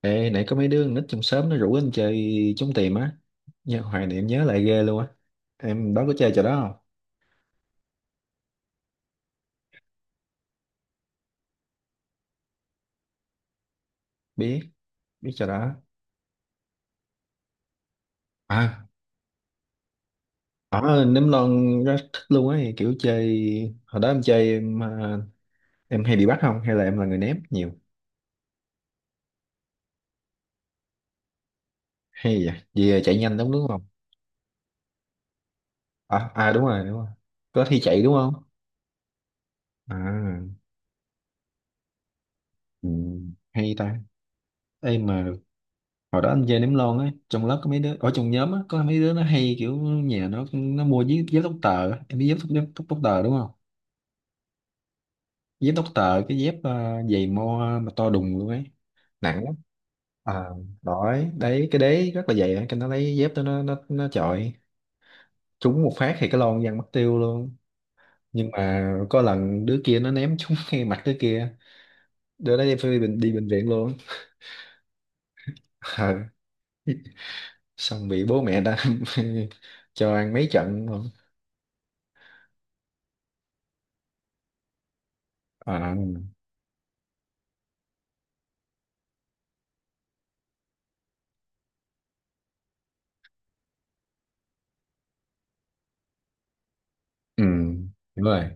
Ê, nãy có mấy đứa con nít trong xóm nó rủ anh chơi trốn tìm á. Nhớ hoài niệm nhớ lại ghê luôn á. Em đó có chơi trò đó không? Biết, biết trò đó. À, ở nấm lon rất thích luôn ấy, kiểu chơi hồi đó em chơi em hay bị bắt không hay là em là người ném nhiều? Hay vậy? Vì chạy nhanh đúng đúng không? À, à đúng rồi, đúng rồi. Có thi chạy đúng không? À, ừ, hay ta. Ê mà hồi đó anh chơi ném lon á, trong lớp có mấy đứa ở trong nhóm á, có mấy đứa nó hay kiểu nhà nó mua dép dép tóc tờ á. Em biết dép tóc, tóc tờ đúng không? Dép tóc tờ, cái dép giày mo mà to đùng luôn ấy, nặng lắm. À, đói đấy cái đế rất là dày, cái nó lấy dép đó nó chọi trúng một phát thì cái lon văng mất tiêu luôn. Nhưng mà có lần đứa kia nó ném trúng ngay mặt đứa kia, đứa đó đi bệnh viện luôn. Ờ. Xong bị bố mẹ ta cho ăn mấy trận luôn. Ờ, ừ, đúng rồi.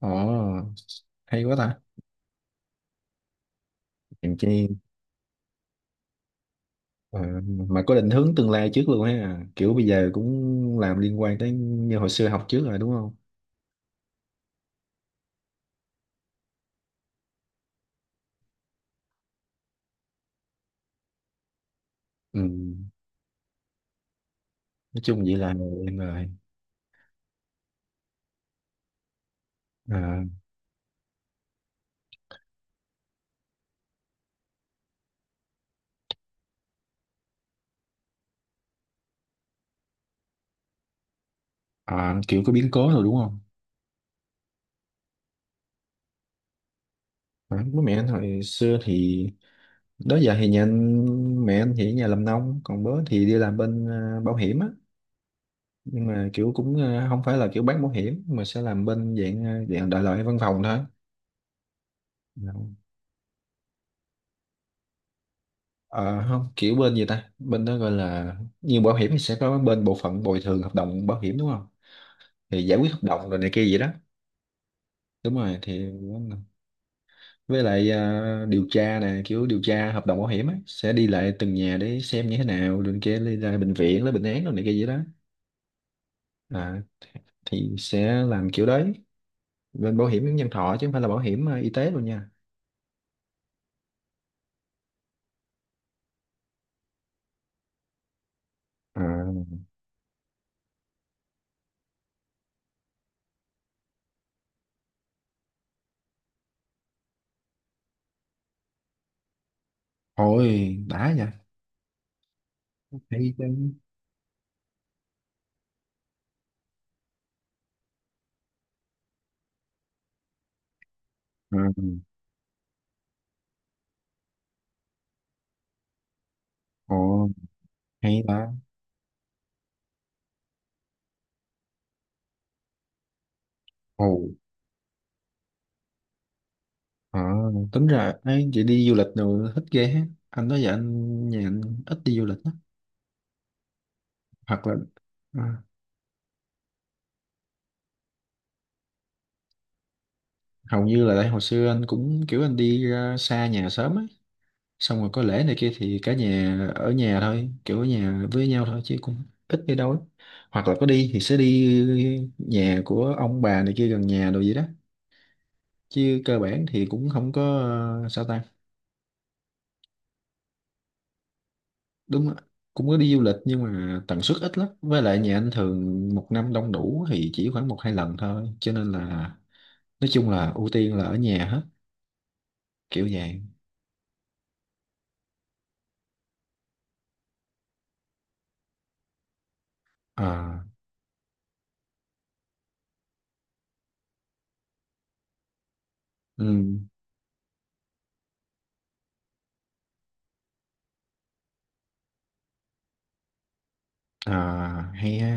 Ồ, hay quá ta. Hèn chi. ờ, mà có định hướng tương lai trước luôn ha. Kiểu bây giờ cũng làm liên quan tới như hồi xưa học trước rồi đúng không? Ừ, nói chung vậy là em rồi. À, à, kiểu có biến cố rồi đúng không? À, bố mẹ anh hồi xưa thì đó giờ thì nhà anh, mẹ anh thì ở nhà làm nông, còn bố thì đi làm bên bảo hiểm á. Nhưng mà kiểu cũng không phải là kiểu bán bảo hiểm mà sẽ làm bên dạng dạng đại loại văn phòng thôi. Ờ, ờ, không kiểu bên gì ta, bên đó gọi là như bảo hiểm thì sẽ có bên bộ phận bồi thường hợp đồng bảo hiểm đúng không, thì giải quyết hợp đồng rồi này kia vậy đó. Đúng rồi thì với lại điều tra nè, kiểu điều tra hợp đồng bảo hiểm á, sẽ đi lại từng nhà để xem như thế nào rồi kia đi ra bệnh viện lấy bệnh án rồi này kia vậy đó. À, thì sẽ làm kiểu đấy, bên bảo hiểm nhân thọ chứ không phải là bảo hiểm y tế luôn nha. À, thôi đã nha, hay chứ. À, ồ hay ta. Ồ. À, tính ra ấy, chị đi du lịch rồi thích ghê ha. Anh nói vậy, anh nhà anh ít đi du lịch á. Hoặc là à, hầu như là tại hồi xưa anh cũng kiểu anh đi ra xa nhà sớm ấy. Xong rồi có lễ này kia thì cả nhà ở nhà thôi, kiểu ở nhà với nhau thôi chứ cũng ít đi đâu lắm. Hoặc là có đi thì sẽ đi nhà của ông bà này kia gần nhà đồ gì đó. Chứ cơ bản thì cũng không có sao ta. Đúng ạ. Cũng có đi du lịch nhưng mà tần suất ít lắm, với lại nhà anh thường một năm đông đủ thì chỉ khoảng 1 2 lần thôi, cho nên là nói chung là ưu tiên là ở nhà hết, kiểu vậy. À, ừ. À, hay ha.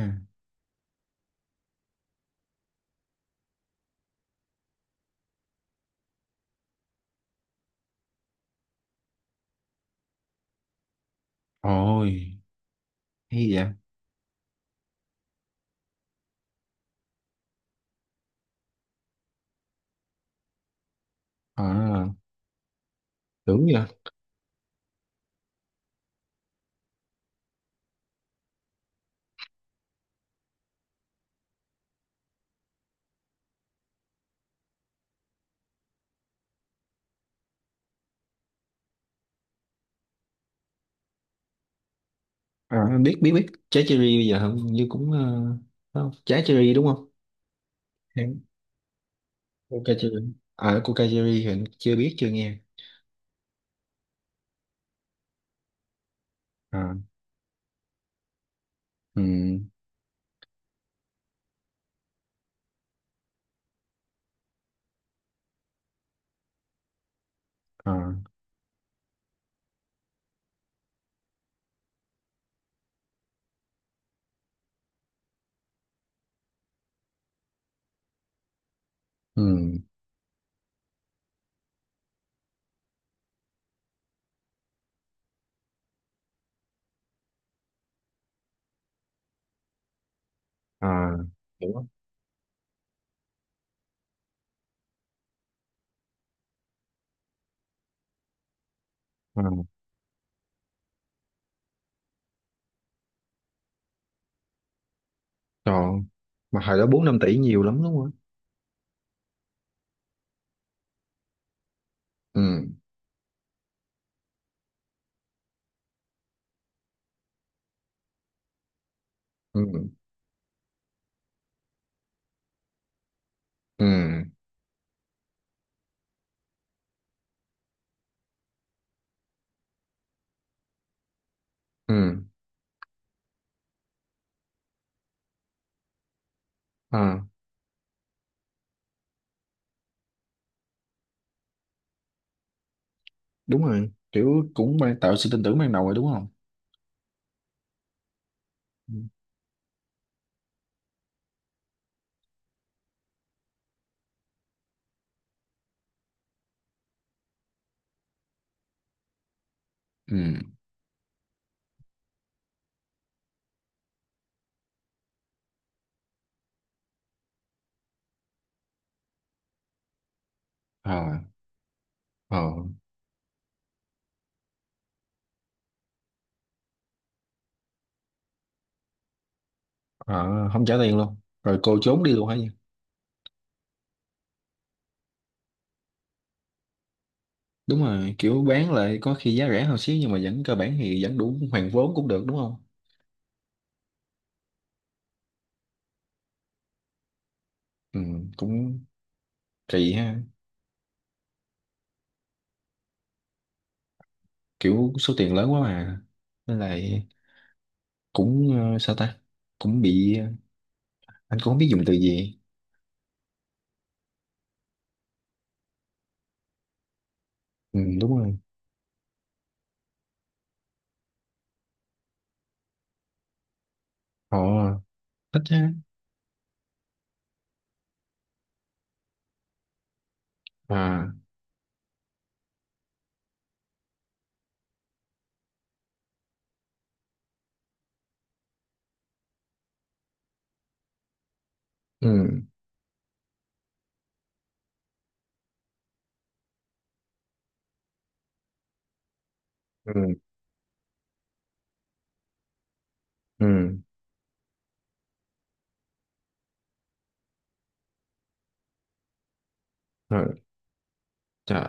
Ôi, hay vậy. À, tưởng vậy. À, anh biết, biết trái cherry, bây giờ hình như cũng không? Trái cherry đúng không? Hãng Coca cherry. À, Coca cherry thì anh chưa biết, chưa nghe. À, ừ. À, ừ. À, hiểu không. Còn mà hồi đó 4 5 tỷ nhiều lắm đúng không ạ? Ừ, ừ, ừ, ừ. À, đúng rồi, kiểu cũng mang tạo sự tin tưởng ban đầu rồi đúng không? Ừ. Ừ. À, à, à, không trả tiền luôn. Rồi cô trốn đi luôn hả nhỉ? Đúng rồi, kiểu bán lại có khi giá rẻ hơn xíu nhưng mà vẫn cơ bản thì vẫn đủ hoàn vốn cũng được đúng không? Ừ, cũng kỳ ha. Kiểu số tiền lớn quá mà. Nên là cũng sao ta? Cũng bị, anh cũng không biết dùng từ gì. Ừ, đúng rồi. Họ thích ha. À, ừ, ừ, ừ rồi. Trời,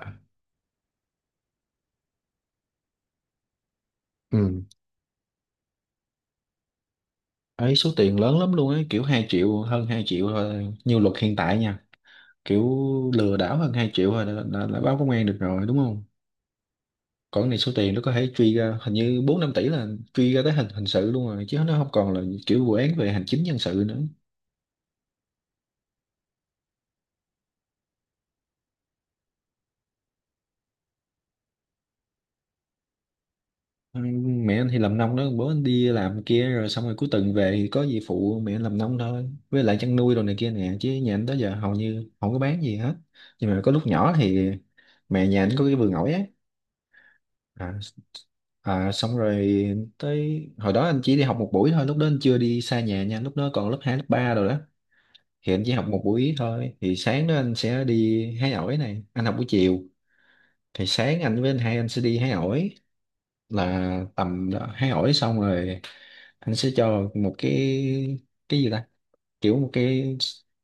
ừ. Ấy số tiền lớn lắm luôn ấy, kiểu 2 triệu, hơn 2 triệu thôi như luật hiện tại nha, kiểu lừa đảo hơn 2 triệu thôi đã là báo công an được rồi đúng không? Còn cái này số tiền nó có thể truy ra hình như 4 5 tỷ, là truy ra tới hình hình sự luôn rồi, chứ nó không còn là kiểu vụ án về hành chính dân sự nữa. Ừ, mẹ anh thì làm nông đó, bố anh đi làm kia, rồi xong rồi cuối tuần về thì có gì phụ mẹ làm nông thôi, với lại chăn nuôi đồ này kia nè, chứ nhà anh tới giờ hầu như không có bán gì hết. Nhưng mà có lúc nhỏ thì mẹ nhà anh có cái vườn ổi á. À, à, xong rồi tới hồi đó anh chỉ đi học một buổi thôi, lúc đó anh chưa đi xa nhà nha, lúc đó còn lớp 2, lớp 3 rồi đó. Thì anh chỉ học một buổi thôi, thì sáng đó anh sẽ đi hái ổi này, anh học buổi chiều. Thì sáng anh với anh hai anh sẽ đi hái ổi, là tầm đó, hay hỏi xong rồi anh sẽ cho một cái gì ta, kiểu một cái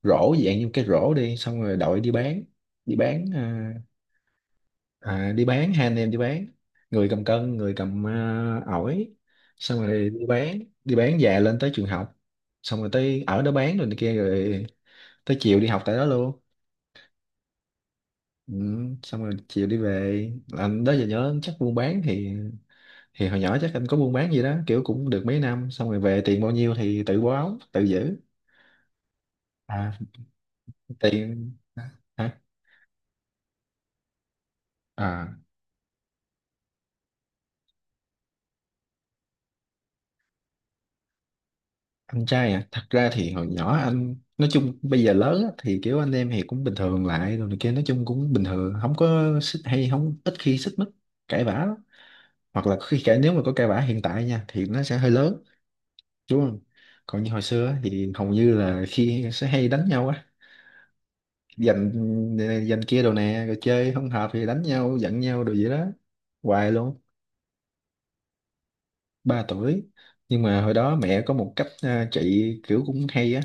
rổ, dạng như một cái rổ, đi xong rồi đội đi bán. Đi bán đi bán hai anh em đi bán, người cầm cân, người cầm ổi, xong rồi đi bán, đi bán về lên tới trường học, xong rồi tới ở đó bán rồi này kia rồi tới chiều đi học tại đó luôn. Ừ, xong rồi chiều đi về. Anh đó giờ nhớ chắc buôn bán thì hồi nhỏ chắc anh có buôn bán gì đó kiểu cũng được mấy năm, xong rồi về tiền bao nhiêu thì tự báo tự giữ. À, tiền hả? À, anh trai à, thật ra thì hồi nhỏ anh nói chung bây giờ lớn á, thì kiểu anh em thì cũng bình thường lại rồi này kia, nói chung cũng bình thường không có xích hay không ít khi xích mích cãi vã lắm. Hoặc là khi cãi nếu mà có cãi vã hiện tại nha thì nó sẽ hơi lớn đúng không. Còn như hồi xưa á, thì hầu như là khi sẽ hay đánh nhau á, giành, ừ, giành kia đồ nè rồi chơi không hợp thì đánh nhau giận nhau đồ vậy đó hoài luôn. 3 tuổi. Nhưng mà hồi đó mẹ có một cách trị kiểu cũng hay á,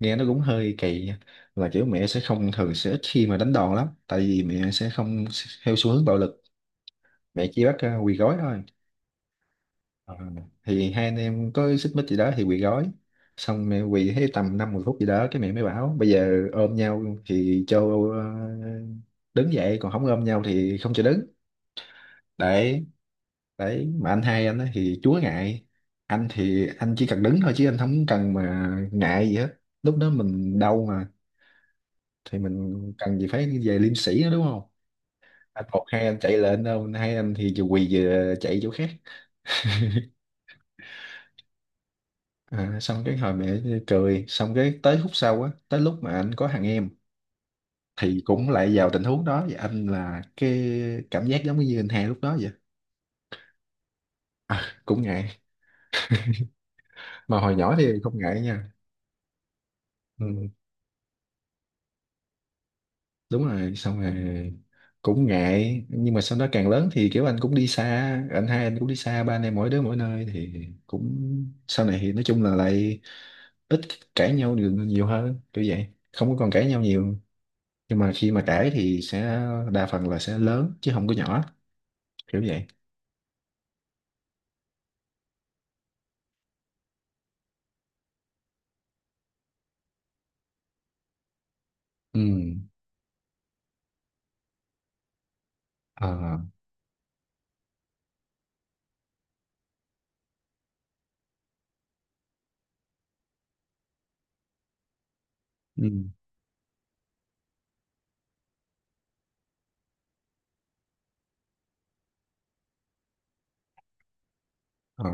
nghe nó cũng hơi kỳ nha. Là kiểu mẹ sẽ không, thường sẽ ít khi mà đánh đòn lắm, tại vì mẹ sẽ không theo xu hướng bạo lực, mẹ chỉ bắt quỳ gối thôi. Ờ, thì hai anh em có xích mích gì đó thì quỳ gối, xong mẹ quỳ thấy tầm 5 10 phút gì đó cái mẹ mới bảo bây giờ ôm nhau thì cho ờ, đứng dậy, còn không ôm nhau thì không cho đứng. Đấy. Đấy mà anh hai anh á thì chúa ngại, anh thì anh chỉ cần đứng thôi chứ anh không cần mà ngại gì hết, lúc đó mình đau mà thì mình cần gì phải về liêm sĩ nữa đúng không. Anh một, hai anh chạy lên đâu, hai anh thì vừa quỳ vừa chạy chỗ khác. Xong cái hồi mẹ cười, xong cái tới khúc sau á tới lúc mà anh có thằng em thì cũng lại vào tình huống đó, và anh là cái cảm giác giống như anh hai lúc đó vậy. À, cũng ngại, mà hồi nhỏ thì không ngại nha. Ừ. Đúng rồi, xong rồi cũng ngại, nhưng mà sau đó càng lớn thì kiểu anh cũng đi xa, anh hai anh cũng đi xa, ba anh em mỗi đứa mỗi nơi thì cũng sau này thì nói chung là lại ít cãi nhau nhiều, nhiều hơn kiểu vậy, không có còn cãi nhau nhiều, nhưng mà khi mà cãi thì sẽ đa phần là sẽ lớn chứ không có nhỏ, kiểu vậy. Ừ. Ờ. Ừ. Ờ.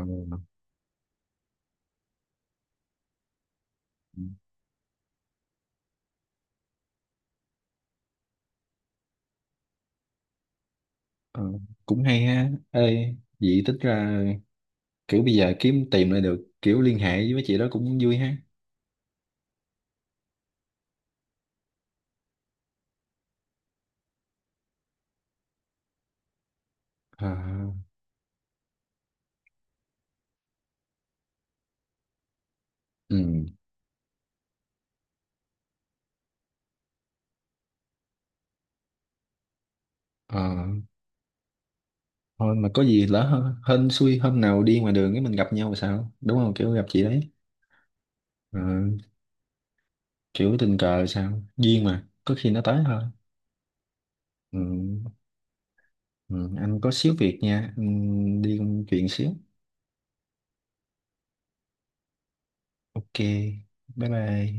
Ờ, cũng hay ha. Ê vậy tính ra, kiểu bây giờ kiếm tìm lại được kiểu liên hệ với mấy chị đó cũng vui ha. Ờ. Ừ. Ờ, thôi mà có gì lỡ hên, hên xui hôm nào đi ngoài đường cái mình gặp nhau là sao đúng không, kiểu gặp chị đấy. Ờ, kiểu tình cờ là sao duyên mà có khi nó tới thôi. Ừ, ừ, anh có xíu việc nha. Ừ, đi công chuyện xíu. OK. Bye bye.